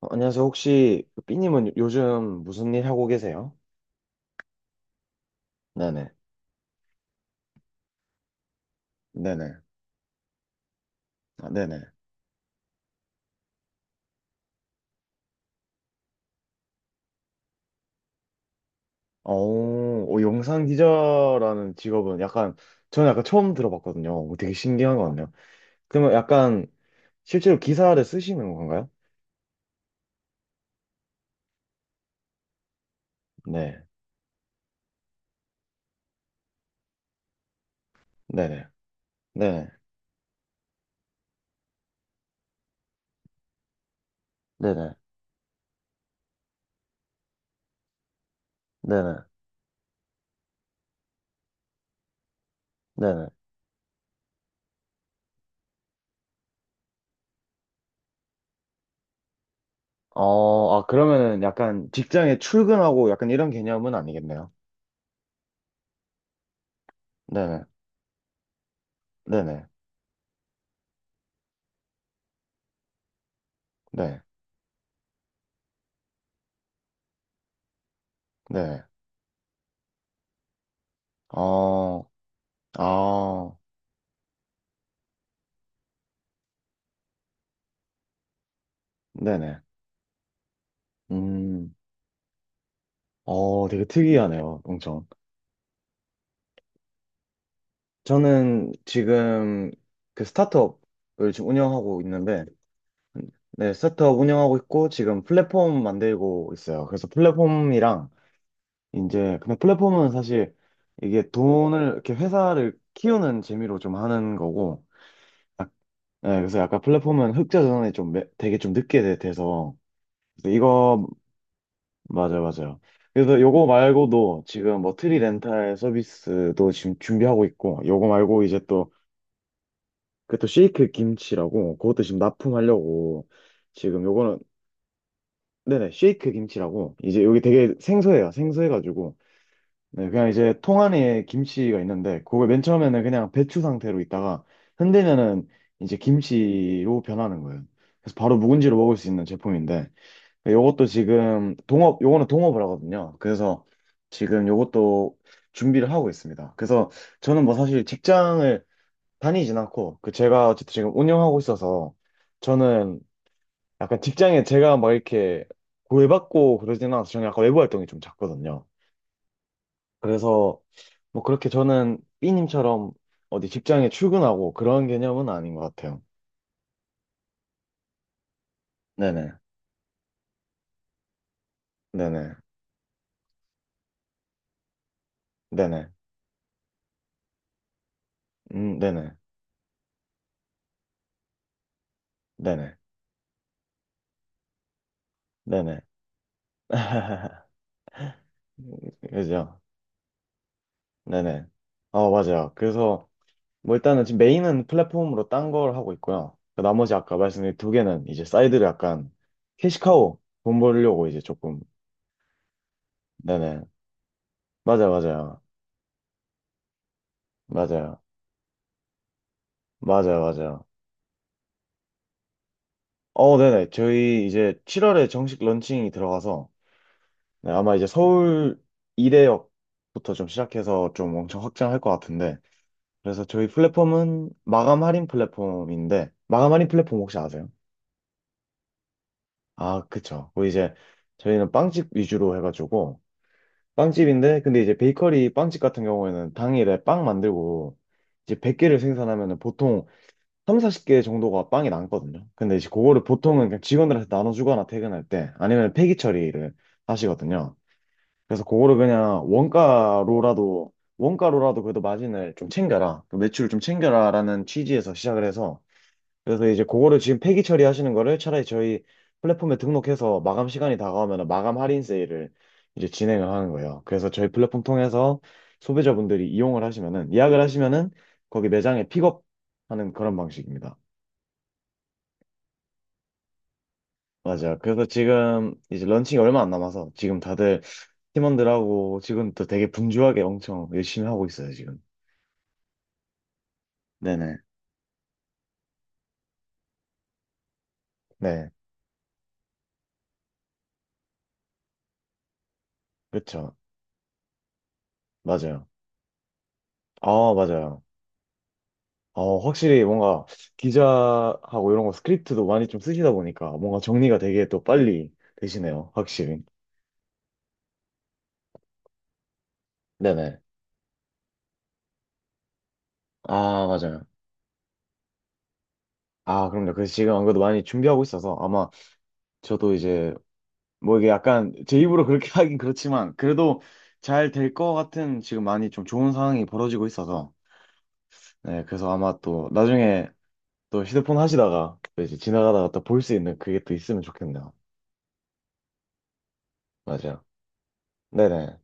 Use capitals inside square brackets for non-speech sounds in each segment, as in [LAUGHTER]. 어, 안녕하세요. 혹시 그 삐님은 요즘 무슨 일 하고 계세요? 네네. 네네. 아, 네네. 오, 오, 영상 기자라는 직업은 약간 저는 약간 처음 들어봤거든요. 오, 되게 신기한 것 같네요. 그러면 약간 실제로 기사를 쓰시는 건가요? 네. 네네. 네네. 네네. 네네. 네네. 어, 아, 그러면은 약간 직장에 출근하고 약간 이런 개념은 아니겠네요. 네네. 네네. 네. 네. 어, 아, 네네. 음, 어, 되게 특이하네요, 엄청. 저는 지금 그 스타트업을 지금 운영하고 있는데, 네, 스타트업 운영하고 있고, 지금 플랫폼 만들고 있어요. 그래서 플랫폼이랑, 이제, 근데 플랫폼은 사실 이게 돈을, 이렇게 회사를 키우는 재미로 좀 하는 거고, 아, 네, 그래서 약간 플랫폼은 흑자 전환이 좀 되게 좀 늦게 돼서, 그래서 이거 맞아요, 맞아요. 그래서 요거 말고도 지금 뭐 트리 렌탈 서비스도 지금 준비하고 있고, 요거 말고 이제 또, 그 또 쉐이크 김치라고, 그것도 지금 납품하려고, 지금 요거는, 네네, 쉐이크 김치라고, 이제 여기 되게 생소해요. 생소해가지고, 네, 그냥 이제 통 안에 김치가 있는데, 그걸 맨 처음에는 그냥 배추 상태로 있다가, 흔들면은 이제 김치로 변하는 거예요. 그래서 바로 묵은지로 먹을 수 있는 제품인데, 요것도 지금 동업, 요거는 동업을 하거든요. 그래서 지금 요것도 준비를 하고 있습니다. 그래서 저는 뭐 사실 직장을 다니진 않고, 그 제가 어쨌든 지금 운영하고 있어서 저는 약간 직장에 제가 막 이렇게 구애받고 그러진 않아서 저는 약간 외부 활동이 좀 작거든요. 그래서 뭐 그렇게 저는 B님처럼 어디 직장에 출근하고 그런 개념은 아닌 것 같아요. 네네. 네네. 네네. 네네. 네네. 네네. [LAUGHS] 그죠? 네네. 어, 맞아요. 그래서 뭐 일단은 지금 메인은 플랫폼으로 딴 걸 하고 있고요. 그 나머지 아까 말씀드린 두 개는 이제 사이드를 약간 캐시카우 돈 벌려고 이제 조금. 네네. 맞아요, 맞아요. 맞아요. 맞아요, 맞아요. 어, 네네. 저희 이제 7월에 정식 런칭이 들어가서 네, 아마 이제 서울 이대역부터 좀 시작해서 좀 엄청 확장할 것 같은데. 그래서 저희 플랫폼은 마감 할인 플랫폼인데, 마감 할인 플랫폼 혹시 아세요? 아, 그쵸. 뭐 이제 저희는 빵집 위주로 해가지고 빵집인데 근데 이제 베이커리 빵집 같은 경우에는 당일에 빵 만들고 이제 100개를 생산하면은 보통 3, 40개 정도가 빵이 남거든요. 근데 이제 그거를 보통은 그냥 직원들한테 나눠주거나 퇴근할 때 아니면 폐기 처리를 하시거든요. 그래서 그거를 그냥 원가로라도 그래도 마진을 좀 챙겨라. 그 매출을 좀 챙겨라라는 취지에서 시작을 해서 그래서 이제 그거를 지금 폐기 처리하시는 거를 차라리 저희 플랫폼에 등록해서 마감 시간이 다가오면 마감 할인 세일을 이제 진행을 하는 거예요. 그래서 저희 플랫폼 통해서 소비자분들이 이용을 하시면은 예약을 하시면은 거기 매장에 픽업하는 그런 방식입니다. 맞아요. 그래서 지금 이제 런칭이 얼마 안 남아서 지금 다들 팀원들하고 지금 또 되게 분주하게 엄청 열심히 하고 있어요, 지금. 네네. 네. 그렇죠. 맞아요. 아, 맞아요. 어, 확실히 뭔가 기자하고 이런 거 스크립트도 많이 좀 쓰시다 보니까 뭔가 정리가 되게 또 빨리 되시네요. 확실히. 네네. 아, 맞아요. 아, 그럼요. 그래서 지금 안 그래도 많이 준비하고 있어서 아마 저도 이제 뭐 이게 약간 제 입으로 그렇게 [LAUGHS] 하긴 그렇지만 그래도 잘 될 것 같은 지금 많이 좀 좋은 상황이 벌어지고 있어서 네, 그래서 아마 또 나중에 또 휴대폰 하시다가 또 이제 지나가다가 또 볼 수 있는 그게 또 있으면 좋겠네요. 맞아요. 네네.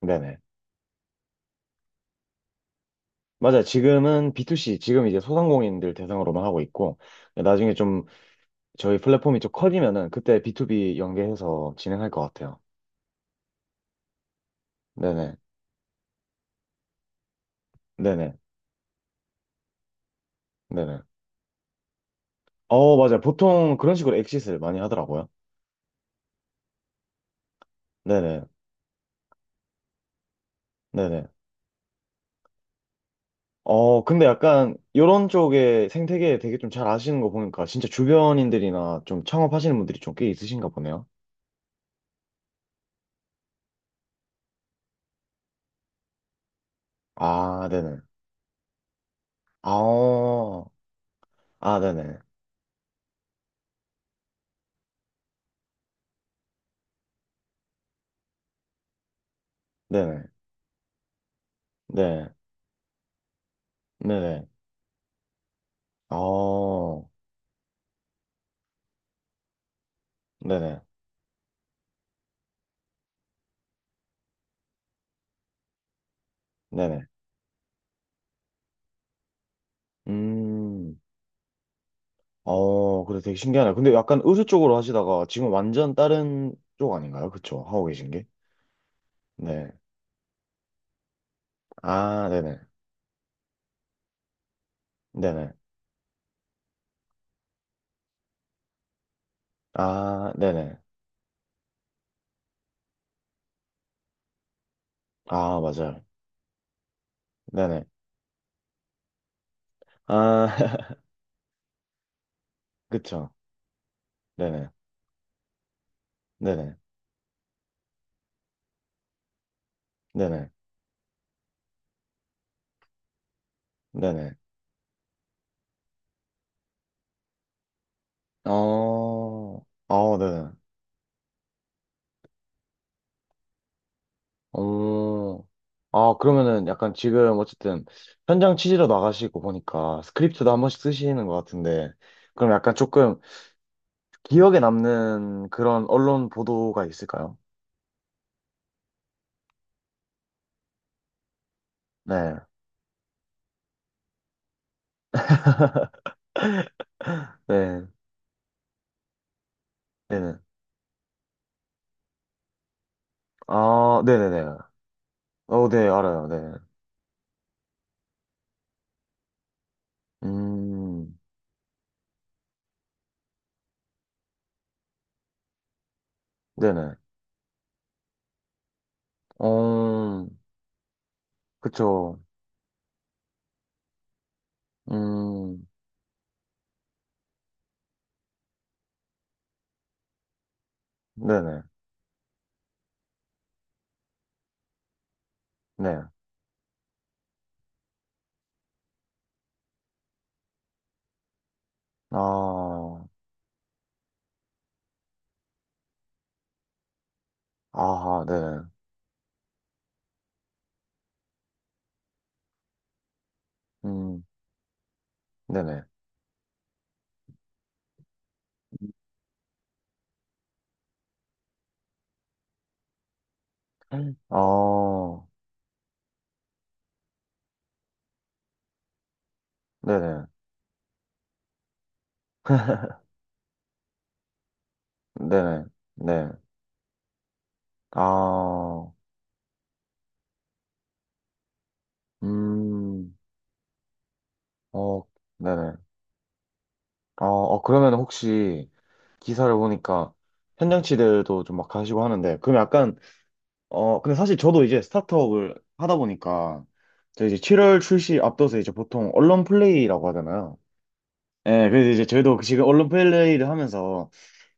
네네. 맞아. 지금은 B2C, 지금 이제 소상공인들 대상으로만 하고 있고, 나중에 좀 저희 플랫폼이 좀 커지면은 그때 B2B 연계해서 진행할 것 같아요. 네네. 네네. 네네. 어, 맞아요. 보통 그런 식으로 엑싯을 많이 하더라고요. 네네. 네네. 어, 근데 약간 이런 쪽의 생태계 되게 좀 잘 아시는 거 보니까 진짜 주변인들이나 좀 창업하시는 분들이 좀 꽤 있으신가 보네요. 아, 네네. 아, 어. 아, 네네. 네네. 네. 네네. 어. 네네. 네네. 음, 어, 그래 되게 신기하네. 근데 약간 의류 쪽으로 하시다가 지금 완전 다른 쪽 아닌가요? 그쵸? 하고 계신 게? 네. 아, 네네. 네네. 아, 네네. 아, 맞아요. 네네. 아, [LAUGHS] 그쵸. 네네. 네네. 네네. 네네. 어, 아, 네네. 어, 아, 그러면은 약간 지금 어쨌든 현장 취재로 나가시고 보니까 스크립트도 한 번씩 쓰시는 것 같은데 그럼 약간 조금 기억에 남는 그런 언론 보도가 있을까요? 네, 네, 네네. 아, 네네네. 어, 네, 알아요, 네. 음, 네네. 어, 그쵸. 음, 네네, 네. 아, 아하, 네네. 음, 네네. 아, 네네. [LAUGHS] 네네, 네. 아, 음, 어, 네네. 어, 어, 그러면 혹시 기사를 보니까 현장치들도 좀 막 가시고 하는데, 그럼 약간, 어, 근데 사실 저도 이제 스타트업을 하다 보니까, 저 이제 7월 출시 앞둬서 이제 보통 언론 플레이라고 하잖아요. 예, 그래서 이제 저희도 지금 언론 플레이를 하면서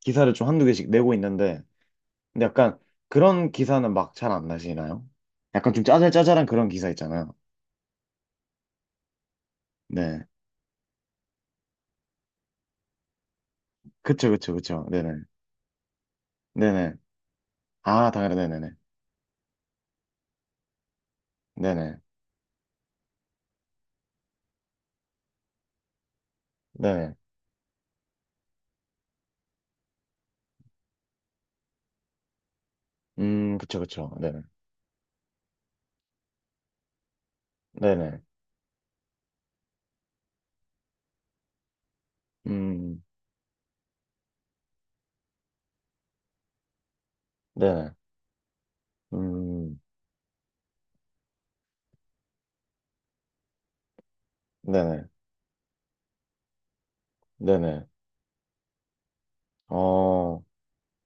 기사를 좀 한두 개씩 내고 있는데, 근데 약간 그런 기사는 막 잘 안 나시나요? 약간 좀 짜잘짜잘한 그런 기사 있잖아요. 네. 그쵸, 그쵸, 그쵸. 네네. 네네. 아, 당연히 네네네. 네네. 네네. 그쵸, 그쵸. 네네. 네네. 음, 네네. 음, 네네. 네네. 어,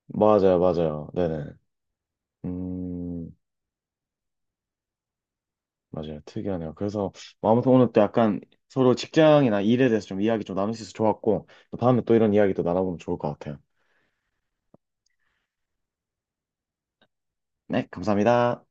맞아요, 맞아요. 네네. 음, 맞아요. 특이하네요. 그래서, 뭐 아무튼 오늘 또 약간 서로 직장이나 일에 대해서 좀 이야기 좀 나눌 수 있어서 좋았고, 또 다음에 또 이런 이야기도 나눠보면 좋을 것 같아요. 네, 감사합니다.